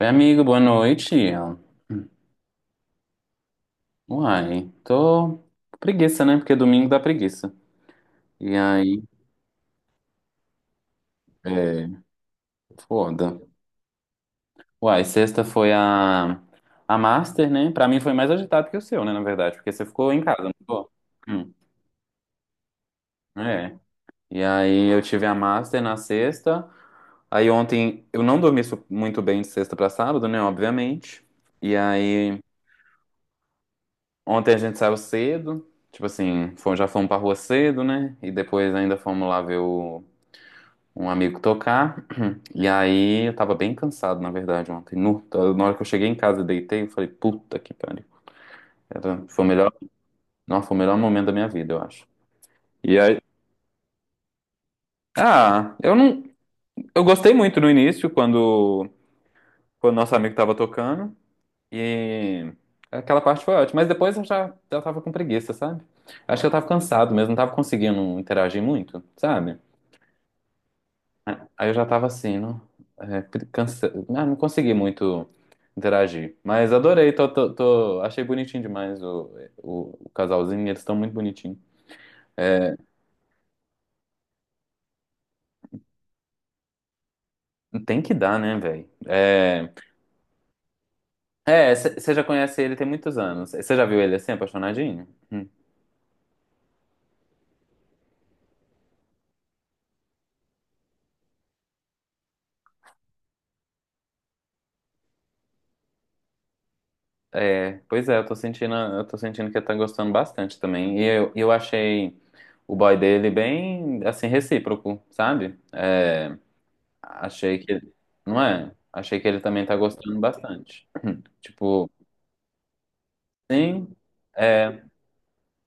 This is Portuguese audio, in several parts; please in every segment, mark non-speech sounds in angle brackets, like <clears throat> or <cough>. Oi, amigo, boa noite. Uai, tô com preguiça, né? Porque domingo dá preguiça. E aí, é, foda. Uai, sexta foi a Master, né? Pra mim foi mais agitado que o seu, né? Na verdade, porque você ficou em casa, não ficou? Hum, é. E aí eu tive a Master na sexta. Aí ontem eu não dormi muito bem de sexta pra sábado, né? Obviamente. E aí ontem a gente saiu cedo. Tipo assim, já fomos pra rua cedo, né? E depois ainda fomos lá ver o um amigo tocar. <clears throat> E aí eu tava bem cansado, na verdade, ontem. Então, na hora que eu cheguei em casa e deitei, eu falei, puta que pariu. Foi o melhor, não, foi o melhor momento da minha vida, eu acho. E aí, ah, eu não, eu gostei muito no início quando nosso amigo tava tocando e aquela parte foi ótima, mas depois eu já tava com preguiça, sabe? Acho que eu tava cansado mesmo, não tava conseguindo interagir muito, sabe? Aí eu já tava assim, não, é, não, não consegui muito interagir. Mas adorei, achei bonitinho demais o casalzinho, eles estão muito bonitinhos. É, tem que dar, né, velho? É, é, você já conhece ele tem muitos anos. Você já viu ele assim, apaixonadinho? Hum. É, pois é, eu tô sentindo que ele tá gostando bastante também. E eu achei o boy dele bem, assim, recíproco, sabe? É, achei que ele, não é? Achei que ele também tá gostando bastante. <clears throat> Tipo, sim, é,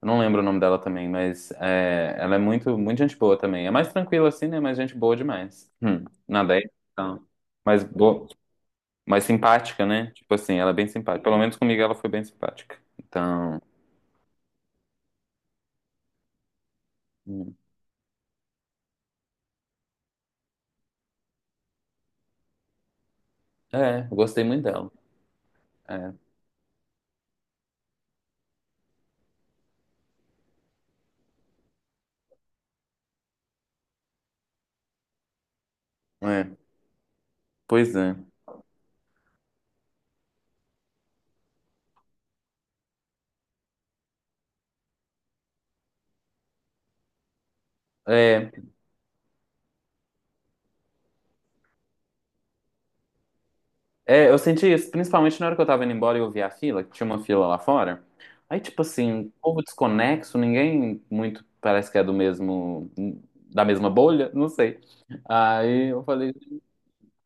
eu não lembro o nome dela também, mas é, ela é muito, muito gente boa também. É mais tranquila assim, né? Mas gente boa demais. Nada aí, então. Mas boa, mais simpática, né? Tipo assim, ela é bem simpática. Pelo menos comigo ela foi bem simpática. Então, hum, eu gostei muito dela. É, é, pois é. É, é, eu senti isso, principalmente na hora que eu tava indo embora e eu vi a fila, que tinha uma fila lá fora. Aí, tipo assim, um povo desconexo, ninguém muito parece que é do mesmo, da mesma bolha, não sei. Aí eu falei,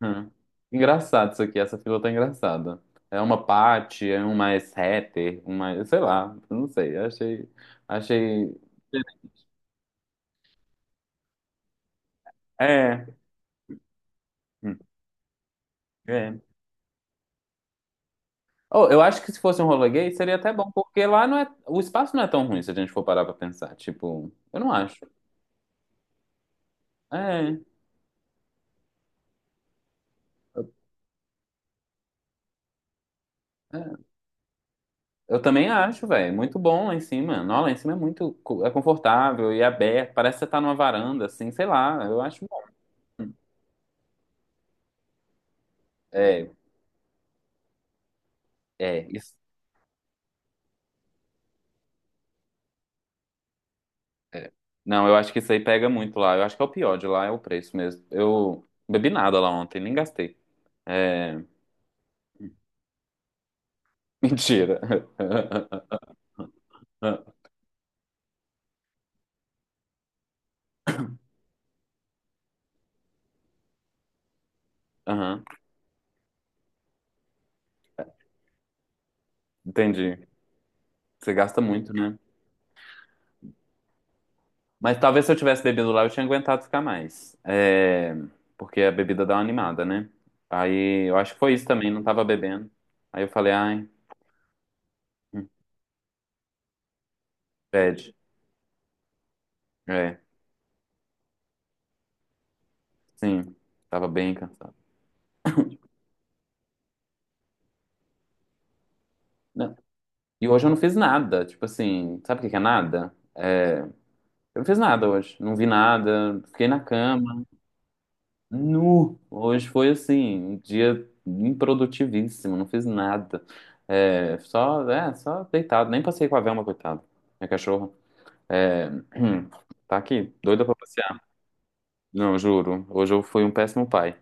"Hum, engraçado isso aqui, essa fila tá engraçada. É uma Paty, é um mais hater, um mais, sei lá, não sei, achei, é, hum, é. Oh, eu acho que se fosse um rolê gay seria até bom, porque lá não é, o espaço não é tão ruim se a gente for parar pra pensar, tipo, eu não acho. É, é. Eu também acho, velho. Muito bom lá em cima. Não, lá em cima é muito confortável e aberto. Parece que você tá numa varanda, assim, sei lá. Eu acho bom. É, é, isso. É. Não, eu acho que isso aí pega muito lá. Eu acho que é o pior de lá, é o preço mesmo. Eu bebi nada lá ontem, nem gastei. É, <laughs> mentira. <laughs> Aham, entendi. Você gasta muito, né? Mas talvez se eu tivesse bebido lá, eu tinha aguentado ficar mais. É, porque a bebida dá uma animada, né? Aí eu acho que foi isso também, não tava bebendo. Aí eu falei, ai, hum, bad. É, sim, tava bem cansado. Não. E hoje eu não fiz nada, tipo assim, sabe o que que é nada? É, eu não fiz nada hoje, não vi nada, fiquei na cama, nu. Hoje foi assim, um dia improdutivíssimo, não fiz nada. É, só deitado, nem passei com a Velma, coitada, minha cachorra. É, <clears throat> tá aqui, doida pra passear. Não, juro. Hoje eu fui um péssimo pai.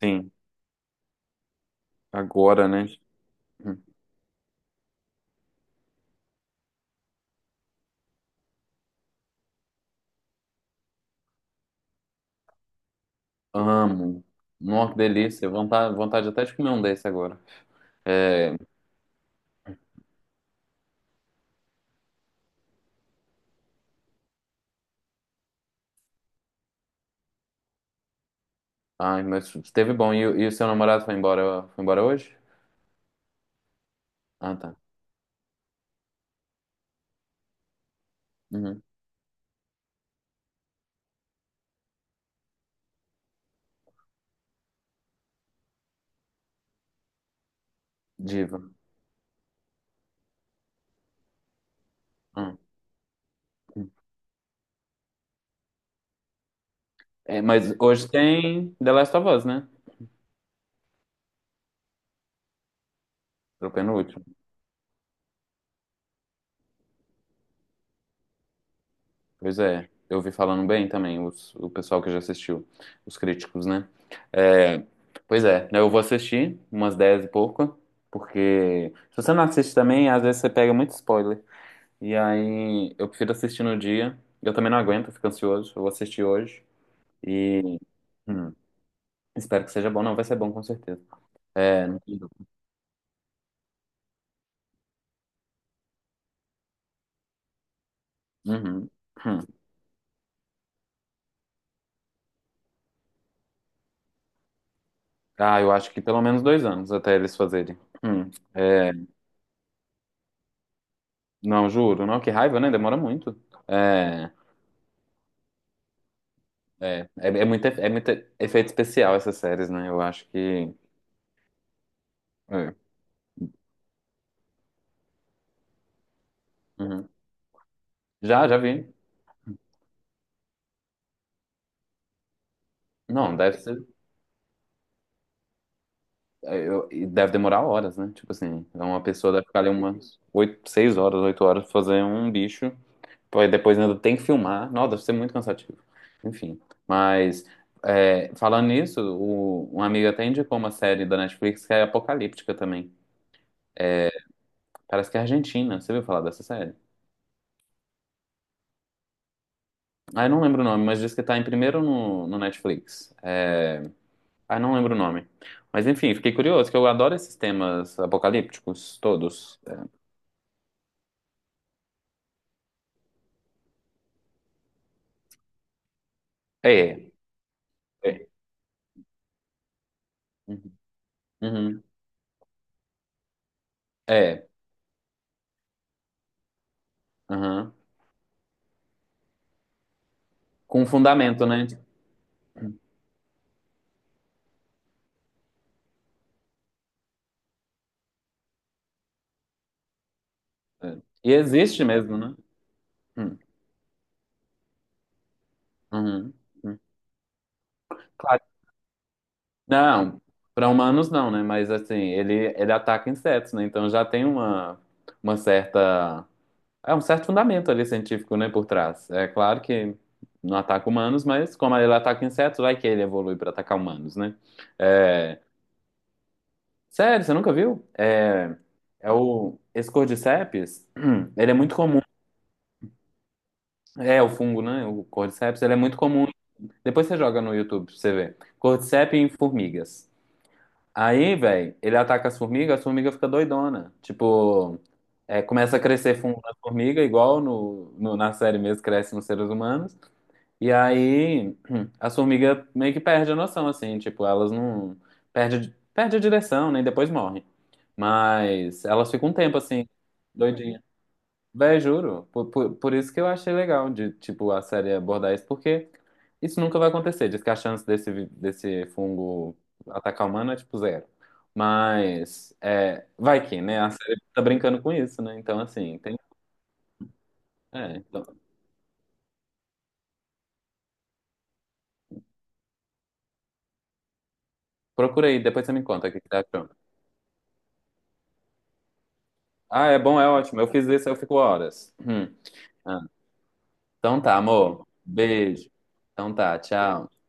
Sim, agora, né? Amo. Nossa, que delícia. Vontade, vontade até de comer um desse agora. É, ai, mas esteve bom. E o seu namorado foi embora hoje? Ah, tá. Uhum. Diva. Hum. É, mas hoje tem The Last of Us, né? Pro penúltimo. Pois é, eu ouvi falando bem também, o pessoal que já assistiu, os críticos, né? É, pois é, né, eu vou assistir umas 10 e pouco, porque se você não assiste também, às vezes você pega muito spoiler. E aí eu prefiro assistir no dia, eu também não aguento, eu fico ansioso, eu vou assistir hoje e hum, espero que seja bom. Não, vai ser bom com certeza. É, não tem dúvida. Uhum. Hum. Ah, eu acho que pelo menos 2 anos até eles fazerem. Hum. É, não, juro, não, que raiva, né? Demora muito. É. É muito efeito especial essas séries, né? Eu acho que. É, uhum. Já, já vi. Não, deve ser. É, e deve demorar horas, né? Tipo assim, então uma pessoa deve ficar ali umas oito, 6 horas, 8 horas pra fazer um bicho, pô, e depois ainda tem que filmar. Nossa, deve ser muito cansativo. Enfim, mas é, falando nisso, um amigo até indicou uma série da Netflix que é apocalíptica também. Parece que é argentina. Você viu falar dessa série? Ah, eu não lembro o nome, mas diz que tá em primeiro no Netflix. Ah, não lembro o nome. Mas enfim, fiquei curioso, que eu adoro esses temas apocalípticos todos. É, é. É. Uhum. Uhum. É, uhum. Com fundamento, né? É. E existe mesmo, né? Hum. Uhum. Hum. Claro. Não, para humanos não, né? Mas assim, ele ataca insetos, né? Então já tem uma certa. É um certo fundamento ali científico, né, por trás. É claro que não ataca humanos, mas como ele ataca insetos, vai que ele evolui para atacar humanos, né? É, sério, você nunca viu? É, é esse Cordyceps, <clears throat> ele é muito comum. É o fungo, né? O Cordyceps, ele é muito comum. Depois você joga no YouTube pra você ver. Cordyceps em formigas. Aí, velho, ele ataca as formigas ficam doidona. Tipo, é, começa a crescer fungo na formiga, igual na série mesmo, cresce nos seres humanos. E aí <clears throat> as formigas meio que perdem a noção, assim, tipo, elas não. Perde, perde a direção, né? E depois morrem. Mas elas ficam um tempo assim, doidinha. Véi, juro. Por isso que eu achei legal de, tipo, a série abordar isso, porque isso nunca vai acontecer. Diz que a chance desse fungo atacar o humano é tipo zero. Mas é, vai que, né? A série tá brincando com isso, né? Então, assim, tem. É, então, procura aí, depois você me conta o que que tá achando. Ah, é bom, é ótimo. Eu fiz isso, eu fico horas. Hum. Ah, então tá, amor. Beijo. Então tá, tchau.